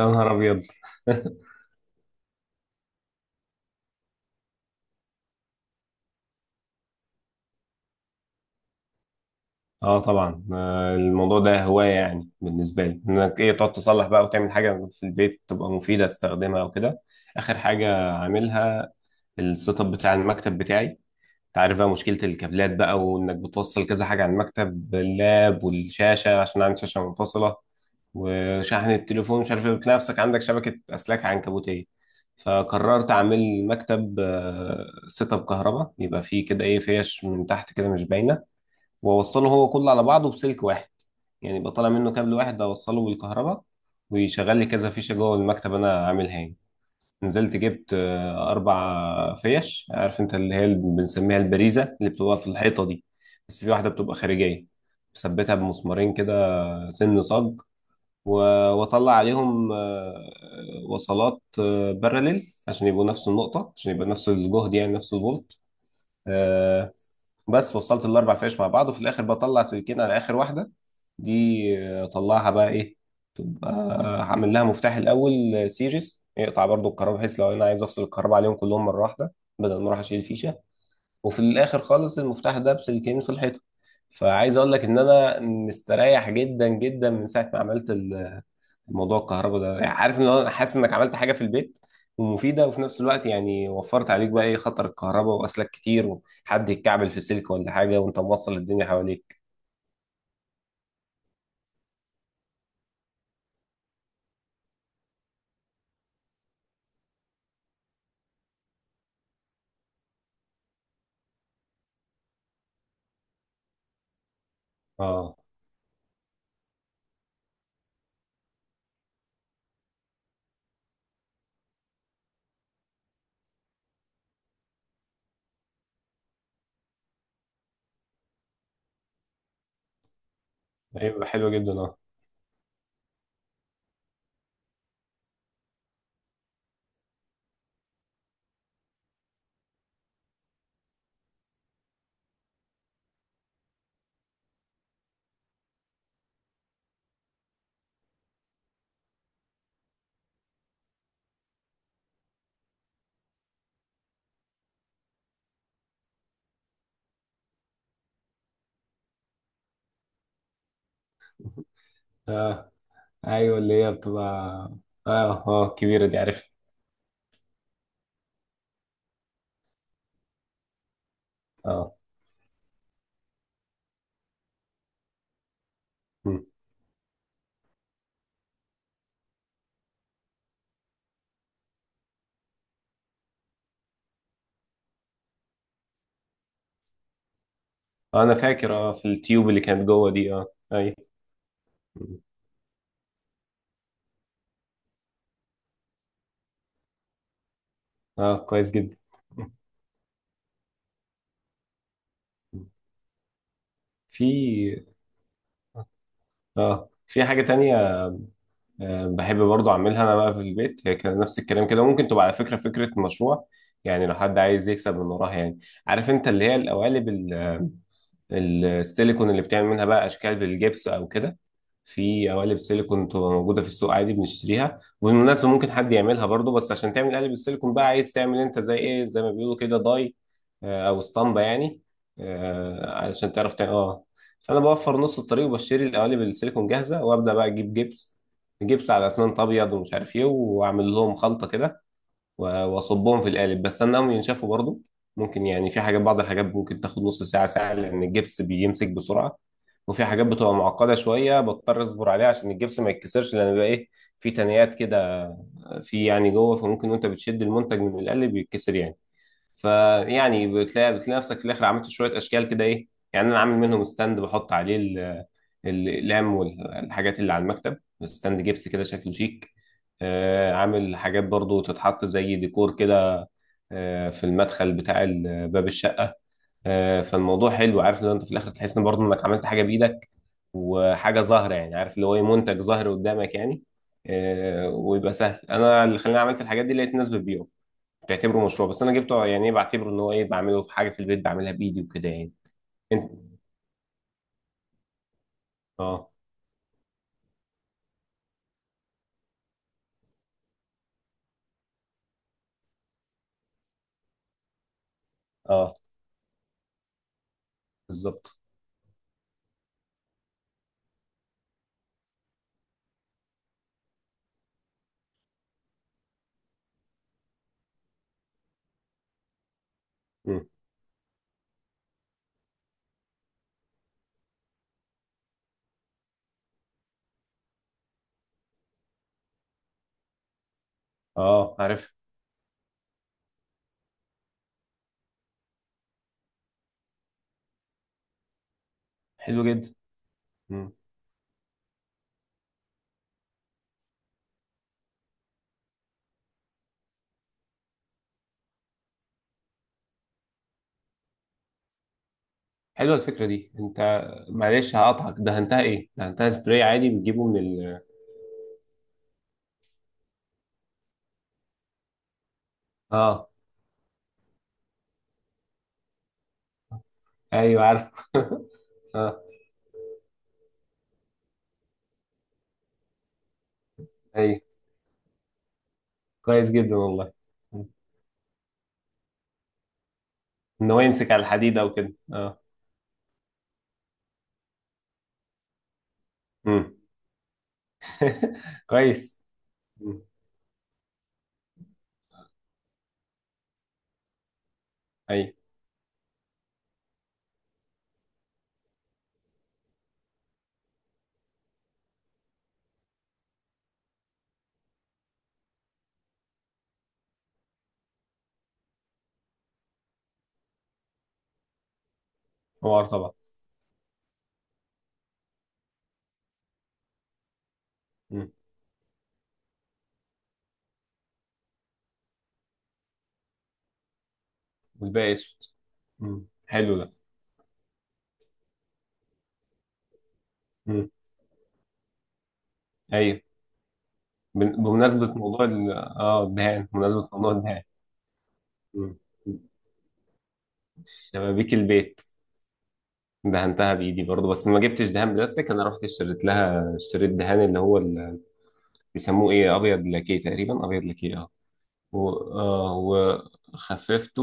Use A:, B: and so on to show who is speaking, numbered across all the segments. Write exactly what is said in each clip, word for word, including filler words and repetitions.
A: يا نهار ابيض. اه طبعا. آه، الموضوع ده هوايه يعني بالنسبه لي انك ايه تقعد تصلح بقى وتعمل حاجه في البيت تبقى مفيده تستخدمها وكده. اخر حاجه عاملها السيت اب بتاع المكتب بتاعي. انت عارف بقى مشكله الكابلات بقى، وانك بتوصل كذا حاجه على المكتب، اللاب والشاشه عشان عندي شاشه منفصله وشحن التليفون مش عارف ايه، بتلاقي نفسك عندك شبكه اسلاك عنكبوتيه. فقررت اعمل مكتب سيت اب كهرباء، يبقى فيه كده ايه، فيش من تحت كده مش باينه، واوصله هو كله على بعضه بسلك واحد. يعني يبقى طالع منه كابل واحد اوصله بالكهرباء، ويشغل لي كذا فيشه جوه المكتب انا عاملها يعني. نزلت جبت آه، اربع فيش، عارف انت اللي هي اللي بنسميها البريزه اللي بتبقى في الحيطه دي، بس في واحده بتبقى خارجيه مثبتها بمسمارين كده سن صاج. و- واطلع عليهم آه، وصلات آه، باراليل عشان يبقوا نفس النقطه، عشان يبقى نفس الجهد يعني نفس الفولت. آه، بس وصلت الاربع فيش مع بعض وفي الاخر بطلع سلكين على اخر واحده دي. آه، اطلعها بقى ايه، تبقى هعمل لها مفتاح الاول آه، سيريز يقطع برضو الكهرباء، بحيث لو انا عايز افصل الكهرباء عليهم كلهم مره واحده بدل ما اروح اشيل الفيشه. وفي الاخر خالص المفتاح ده بسلكين في الحيطه. فعايز اقول لك ان انا مستريح جدا جدا من ساعه ما عملت موضوع الكهرباء ده. يعني عارف ان انا حاسس انك عملت حاجه في البيت ومفيده، وفي نفس الوقت يعني وفرت عليك بقى ايه، خطر الكهرباء واسلاك كتير وحد يتكعبل في سلك ولا حاجه وانت موصل الدنيا حواليك. اه، ايوه حلوه جدا اه. اه ايوه اللي هي بتبقى. اه اه كبيره دي، عارفها. اه. مم. آه، انا فاكر اه، في التيوب اللي كانت جوه دي اه. ايوه. مم. اه كويس جدا. في اه، في حاجه تانية أه، بحب برضو اعملها انا بقى في البيت. هي كان نفس الكلام كده، ممكن تبقى على فكره فكره مشروع يعني لو حد عايز يكسب من وراها يعني. عارف انت اللي هي القوالب ال- آه، السيليكون، اللي بتعمل منها بقى اشكال بالجبس او كده. في قوالب سيليكون بتبقى موجودة في السوق عادي بنشتريها، وبالمناسبة ممكن حد يعملها برضو، بس عشان تعمل قالب السيليكون بقى عايز تعمل انت زي ايه، زي ما بيقولوا كده داي آه، او اسطمبة يعني آه، علشان تعرف تعمل اه. فانا بوفر نص الطريق وبشتري القوالب السيليكون جاهزة، وابدا بقى اجيب جبس، جبس على اسمنت ابيض ومش عارف ايه، واعمل لهم خلطة كده و- واصبهم في القالب. بس استناهم ينشفوا برضو، ممكن يعني في حاجات، بعض الحاجات ممكن تاخد نص ساعة ساعة لأن الجبس بيمسك بسرعة. وفي حاجات بتبقى معقدة شوية بضطر اصبر عليها عشان الجبس ما يتكسرش، لان بيبقى ايه، في تنيات كده في يعني جوه، فممكن وانت بتشد المنتج من القالب يتكسر يعني. فيعني بتلاقي بتلاقي نفسك في الاخر عملت شوية اشكال كده ايه يعني. انا عامل منهم ستاند بحط عليه ال- الاقلام والحاجات اللي على المكتب، ستاند جبس كده شكله شيك. آه، عامل حاجات برضو تتحط زي ديكور كده آه، في المدخل بتاع ال- باب الشقة. آه، فالموضوع حلو، عارف ان انت في الاخر تحس ان برضو انك عملت حاجة بايدك، وحاجه ظاهره يعني، عارف اللي هو ايه، منتج ظاهر قدامك يعني. آه، ويبقى سهل. انا اللي خلاني عملت الحاجات دي لقيت ناس بتبيعه بتعتبره مشروع، بس انا جبته يعني ايه، بعتبره ان هو ايه، بعمله في حاجه في البيت بعملها بايدي وكده يعني. انت اه. اه بالظبط. مم. اه عارف. حلو جدا. مم. حلوه الفكره دي. انت، معلش هقطعك، دهنتها ايه؟ دهنتها سبراي عادي بتجيبه من ال؟ اه ايوه عارف. اه ايوه. كويس جدا والله. مم. ان هو يمسك على الحديد او كده اه. مم. كويس. مم. ايوه. حمار طبعا. مم. والباقي اسود. مم. حلو ده. مم. ايوه. بن- بمناسبة موضوع ال اه الدهان، بمناسبة موضوع الدهان، مم. شبابيك البيت دهنتها بايدي برضه، بس ما جبتش دهان بلاستيك. انا رحت اشتريت لها، اشتريت دهان اللي هو ال- بيسموه ايه، ابيض لاكيه تقريبا، ابيض لاكيه اه. و- آه، وخففته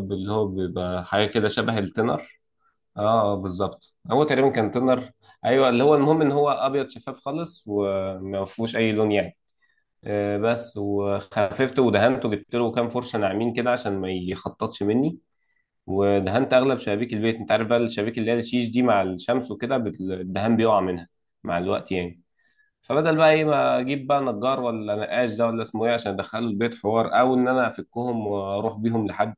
A: باللي هو بيبقى حاجه كده شبه التنر اه. آه، بالظبط، هو تقريبا كان تونر. ايوه اللي هو المهم ان هو ابيض شفاف خالص وما فيهوش اي لون يعني. آه، بس وخففته ودهنته، جبت له كام فرشه ناعمين كده عشان ما يخططش مني، ودهنت اغلب شبابيك البيت. انت عارف بقى الشبابيك اللي هي الشيش دي مع الشمس وكده بت- الدهان بيقع منها مع الوقت يعني. فبدل بقى ايه، ما اجيب بقى نجار ولا نقاش، ده ولا اسمه ايه، عشان ادخله البيت حوار او ان انا افكهم واروح بيهم لحد،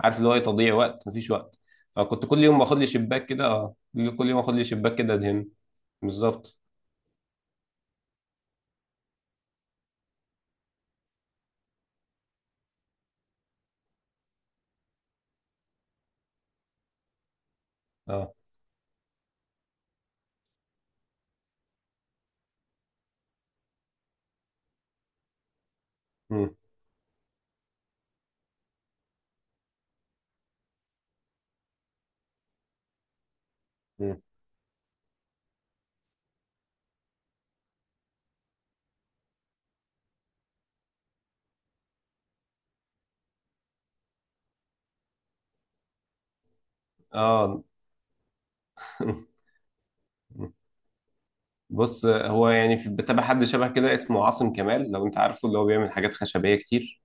A: عارف اللي هو إيه، تضييع وقت، مفيش وقت. فكنت كل يوم باخد لي شباك كده اه، كل يوم اخد لي شباك كده ادهن. بالظبط اه. مم. مم. اه. بص هو يعني في، بتابع حد شبه كده اسمه عاصم كمال لو انت عارفه، اللي هو بيعمل حاجات خشبيه كتير.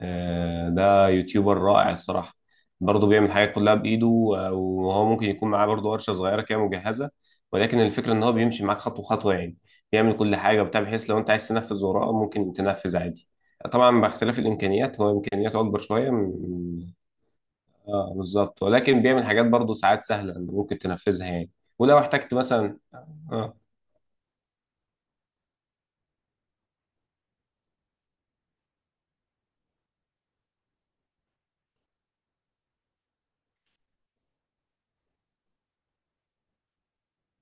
A: آه، ده يوتيوبر رائع الصراحة، برضه بيعمل حاجات كلها بإيده. آه، وهو ممكن يكون معاه برضه ورشة صغيرة كده مجهزة، ولكن الفكرة إن هو بيمشي معاك خطوة خطوة يعني، بيعمل كل حاجة وبتاع، بحيث لو أنت عايز تنفذ وراه ممكن تنفذ عادي. طبعا باختلاف الإمكانيات، هو إمكانياته أكبر شوية من- آه بالظبط. ولكن بيعمل حاجات برضه ساعات سهلة إن ممكن تنفذها يعني. ولو احتجت مثلا آه.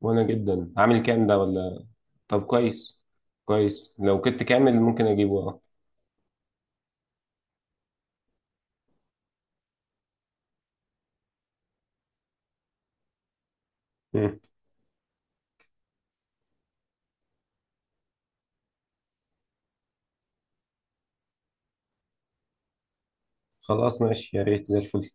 A: وأنا جدا عامل كام ده ولا؟ طب كويس، كويس. لو كنت كامل ممكن أجيبه آه. خلاص ماشي، يا ريت زي الفل.